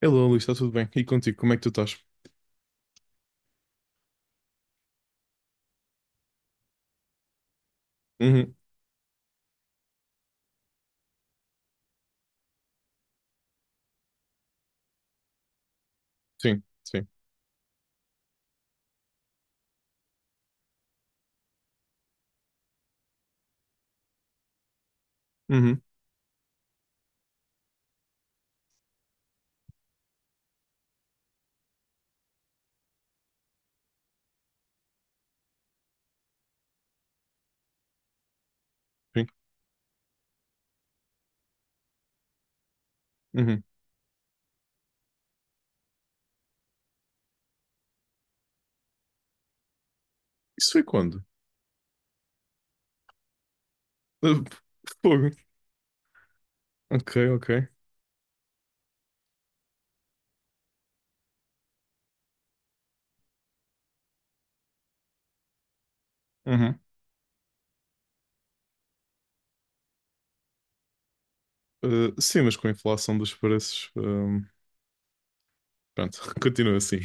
Hello, Luís, está tudo bem? E contigo, como é que tu estás? Uhum, sim, sim. Uhum, sim, uhum. Isso foi quando? Uh, Fogo. Ok, ok. Uhum. Sim, mas com a inflação dos preços, pronto, continua assim.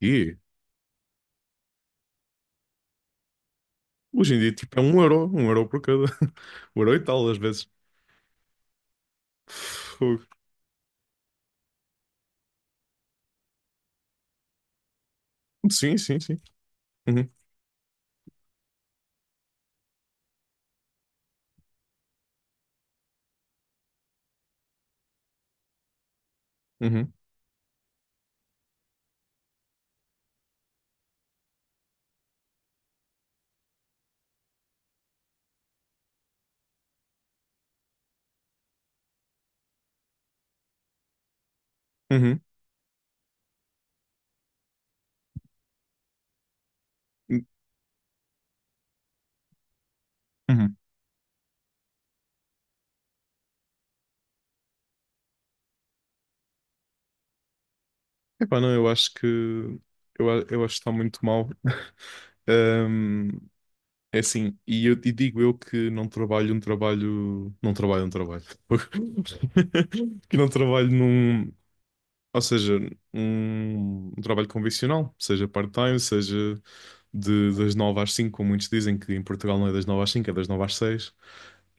E hoje em dia, tipo, é um euro por cada. Um euro e tal, às vezes. Fogo. Sim, sim, sim. Uhum, uhum, uhum, uhum. Epá, não, eu acho que. Eu acho que está muito mal. É assim, e digo eu que não trabalho um trabalho. Não trabalho um trabalho. Que não trabalho num. Ou seja, um trabalho convencional, seja part-time, seja de, das 9 às 5, como muitos dizem que em Portugal não é das 9 às 5, é das 9 às 6.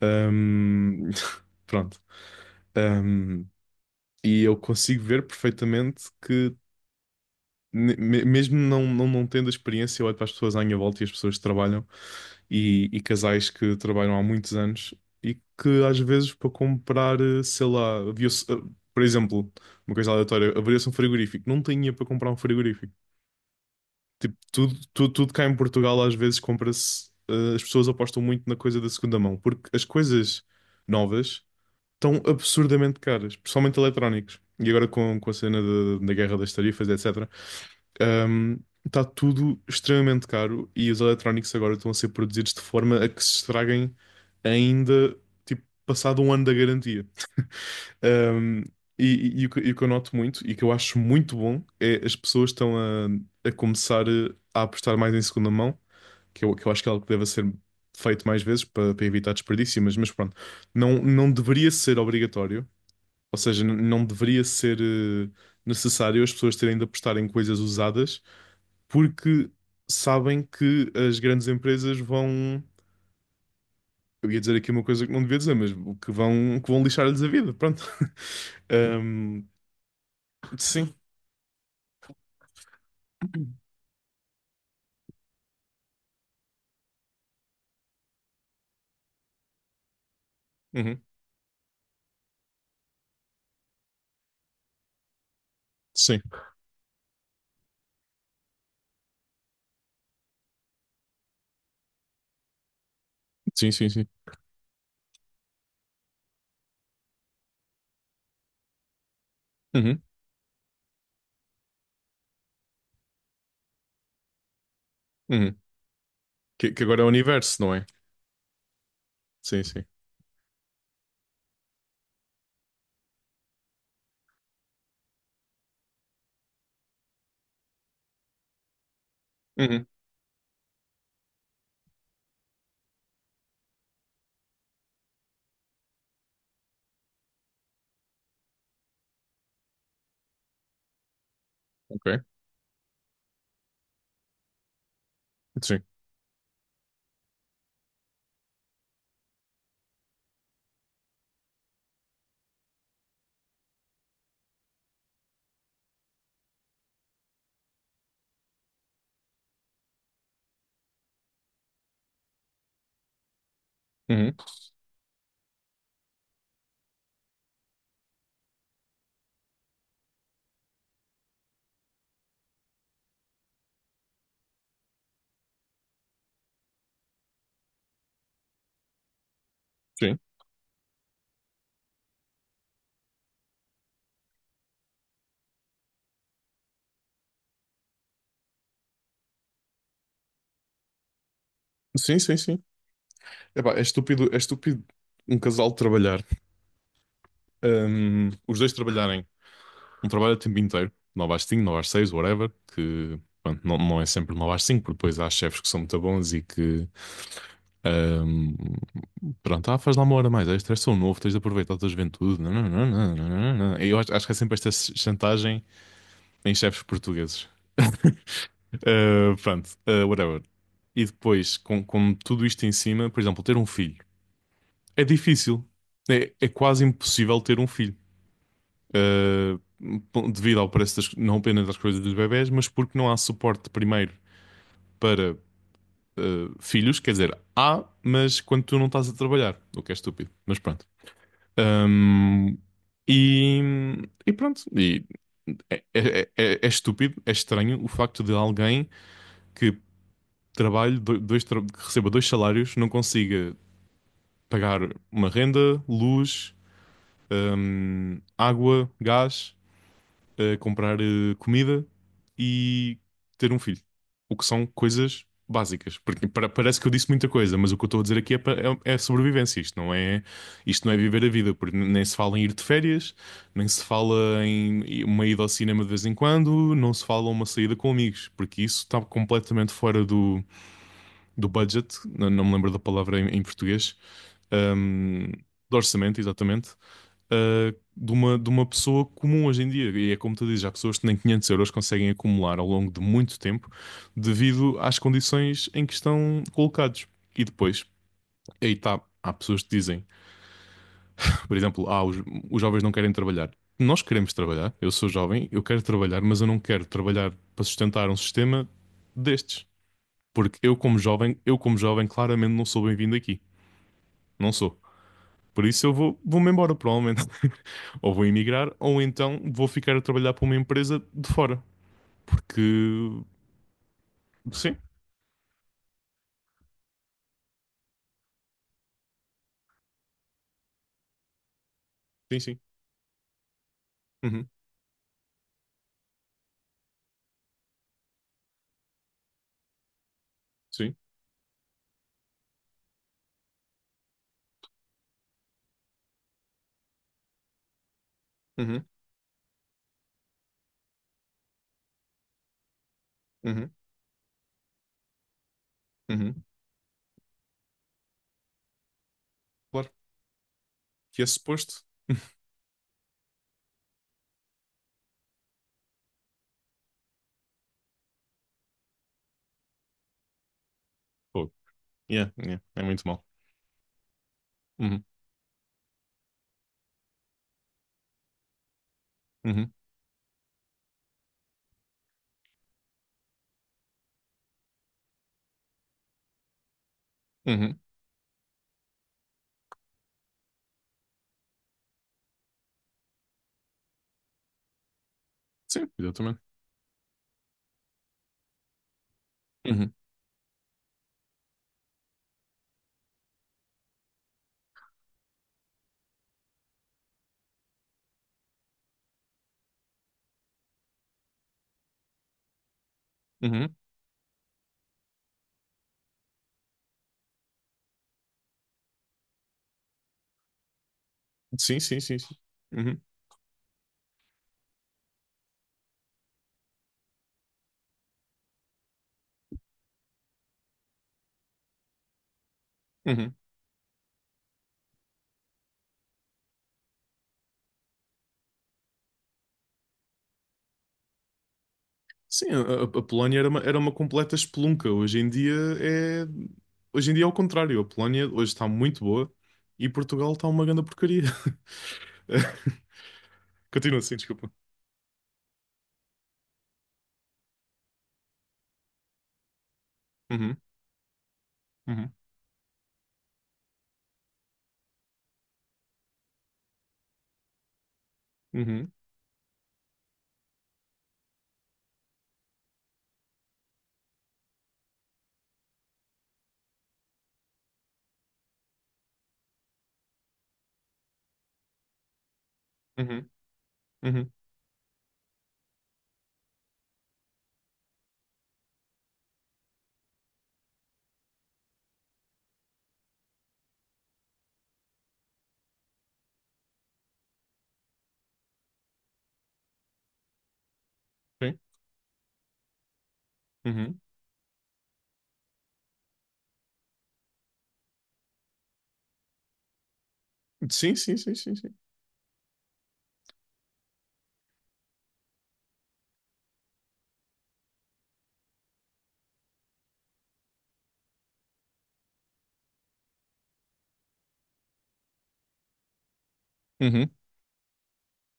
Ahm, Pronto. Ahm, e eu consigo ver perfeitamente que, mesmo não tendo a experiência, eu olho para as pessoas à minha volta e as pessoas que trabalham, e casais que trabalham há muitos anos e que às vezes para comprar, sei lá, havia-se, por exemplo, uma coisa aleatória, abria-se um frigorífico, não tinha para comprar um frigorífico. Tipo, tudo, tudo, tudo cá em Portugal às vezes compra-se, as pessoas apostam muito na coisa da segunda mão, porque as coisas novas estão absurdamente caras, principalmente eletrónicos. E agora com a cena da guerra das tarifas, etc. Ahm, Está tudo extremamente caro e os eletrónicos agora estão a ser produzidos de forma a que se estraguem ainda, tipo, passado um ano da garantia. Ahm, e, e o que eu noto muito e que eu acho muito bom é as pessoas estão a começar a apostar mais em segunda mão, que eu acho que é algo que deve ser feito mais vezes para evitar desperdício, mas pronto, não, não deveria ser obrigatório, ou seja, não deveria ser necessário as pessoas terem de apostar em coisas usadas porque sabem que as grandes empresas vão. Eu ia dizer aqui uma coisa que não devia dizer, mas que vão lixar-lhes a vida, pronto. Um, sim. Uhum. Sim. Sim, sim, sim. Uhum. Uhum. Que agora é o universo, não é? Sim, sim. Uhum. Ok. Sim. Uhum. Sim. Sim, sim, sim. Epá, é estúpido um casal trabalhar. Os dois trabalharem um trabalho a tempo inteiro, 9 às 5, 9 às 6, whatever, que pronto, não, não é sempre 9 às 5, porque depois há chefes que são muito bons e que ahm, pronto, faz lá uma hora mais, extra, és tão novo, tens de aproveitar a tua juventude. Não, não, não, não, não, não, não. Eu acho que é sempre esta chantagem em chefes portugueses. Pronto, whatever. E depois, com tudo isto em cima, por exemplo, ter um filho é difícil. É quase impossível ter um filho. eh, Devido ao preço das, não apenas das coisas dos bebés, mas porque não há suporte primeiro para filhos, quer dizer, há, mas quando tu não estás a trabalhar, o que é estúpido, mas pronto. Ahm, e, e pronto, e é estúpido, é estranho o facto de alguém que trabalhe, dois, que receba dois salários, não consiga pagar uma renda, luz, água, gás. Comprar comida e ter um filho. O que são coisas básicas. Porque parece que eu disse muita coisa, mas o que eu estou a dizer aqui é, é sobrevivência. Isto não é viver a vida, porque nem se fala em ir de férias, nem se fala em uma ida ao cinema de vez em quando, não se fala uma saída com amigos, porque isso está completamente fora do, do budget, não, não me lembro da palavra em, português. Ahm, do orçamento, exatamente. De uma pessoa comum hoje em dia. E é como tu dizes, há pessoas que nem 500 euros conseguem acumular ao longo de muito tempo devido às condições em que estão colocados. E depois, aí está, há pessoas que dizem, por exemplo, os jovens não querem trabalhar. Nós queremos trabalhar, eu sou jovem, eu quero trabalhar, mas eu não quero trabalhar para sustentar um sistema destes. Porque eu, como jovem, claramente não sou bem-vindo aqui. Não sou. Por isso eu vou, vou-me embora, provavelmente. Ou vou emigrar, ou então vou ficar a trabalhar para uma empresa de fora. Porque. Sim, sim, sim. Uhum, sim. Uhum, uhum, uhum. Claro. Que é suposto. Pô, yeah, yeah, é muito mal. Uhum, uhum, uhum. Sim, exatamente. Uhum, uhum. Sim, sim, sim, sim. Uhum, uhum. Sim, a Polónia era uma completa espelunca. Hoje em dia é. Hoje em dia é o contrário. A Polónia hoje está muito boa e Portugal está uma grande porcaria. Continua assim, desculpa. Uhum, uhum, uhum. Uhum, uhum, sim, uhum. Sim, sim, sim, sim, sim. Uhum.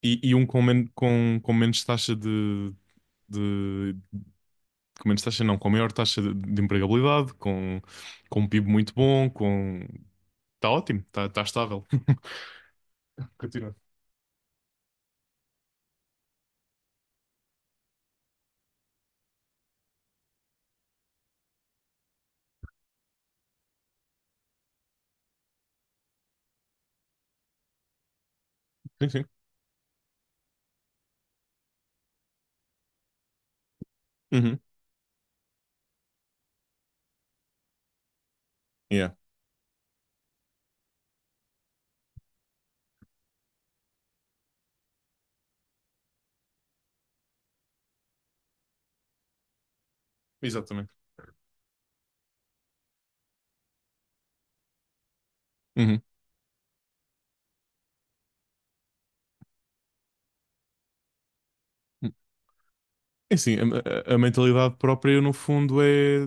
E com menos taxa de. Com menos taxa, não, com maior taxa de empregabilidade, com um PIB muito bom, com. Está ótimo, está tá estável. Continua. Sim, sim. Uhum. Yeah. Exatamente. Uhum. É assim, a mentalidade própria no fundo é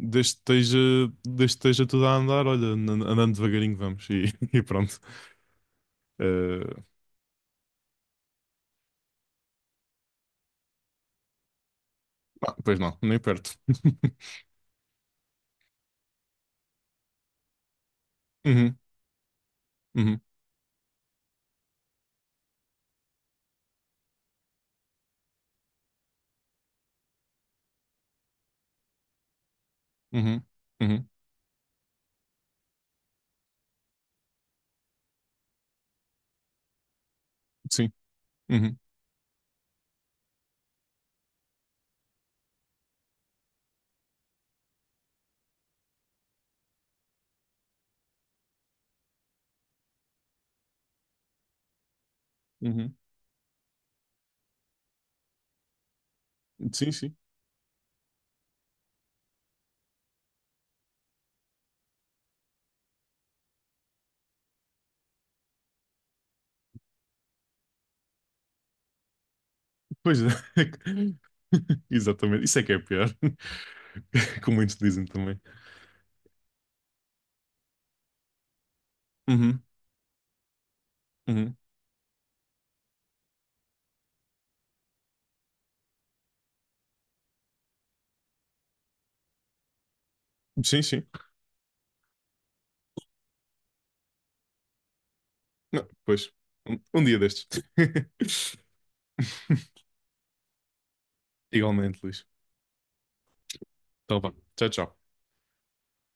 desde que esteja tudo a andar, olha, andando devagarinho vamos e, e pronto. Eh, Pois não, nem perto. Uhum, uhum, uhum, uhum, sim, uhum, uhum, sim, sim. Pois é. Exatamente, isso é que é pior. Como muitos dizem também. Uhum, uhum. Sim, sim. Não, pois, um dia destes. Igualmente, Luís. Então vá, tchau, tchau.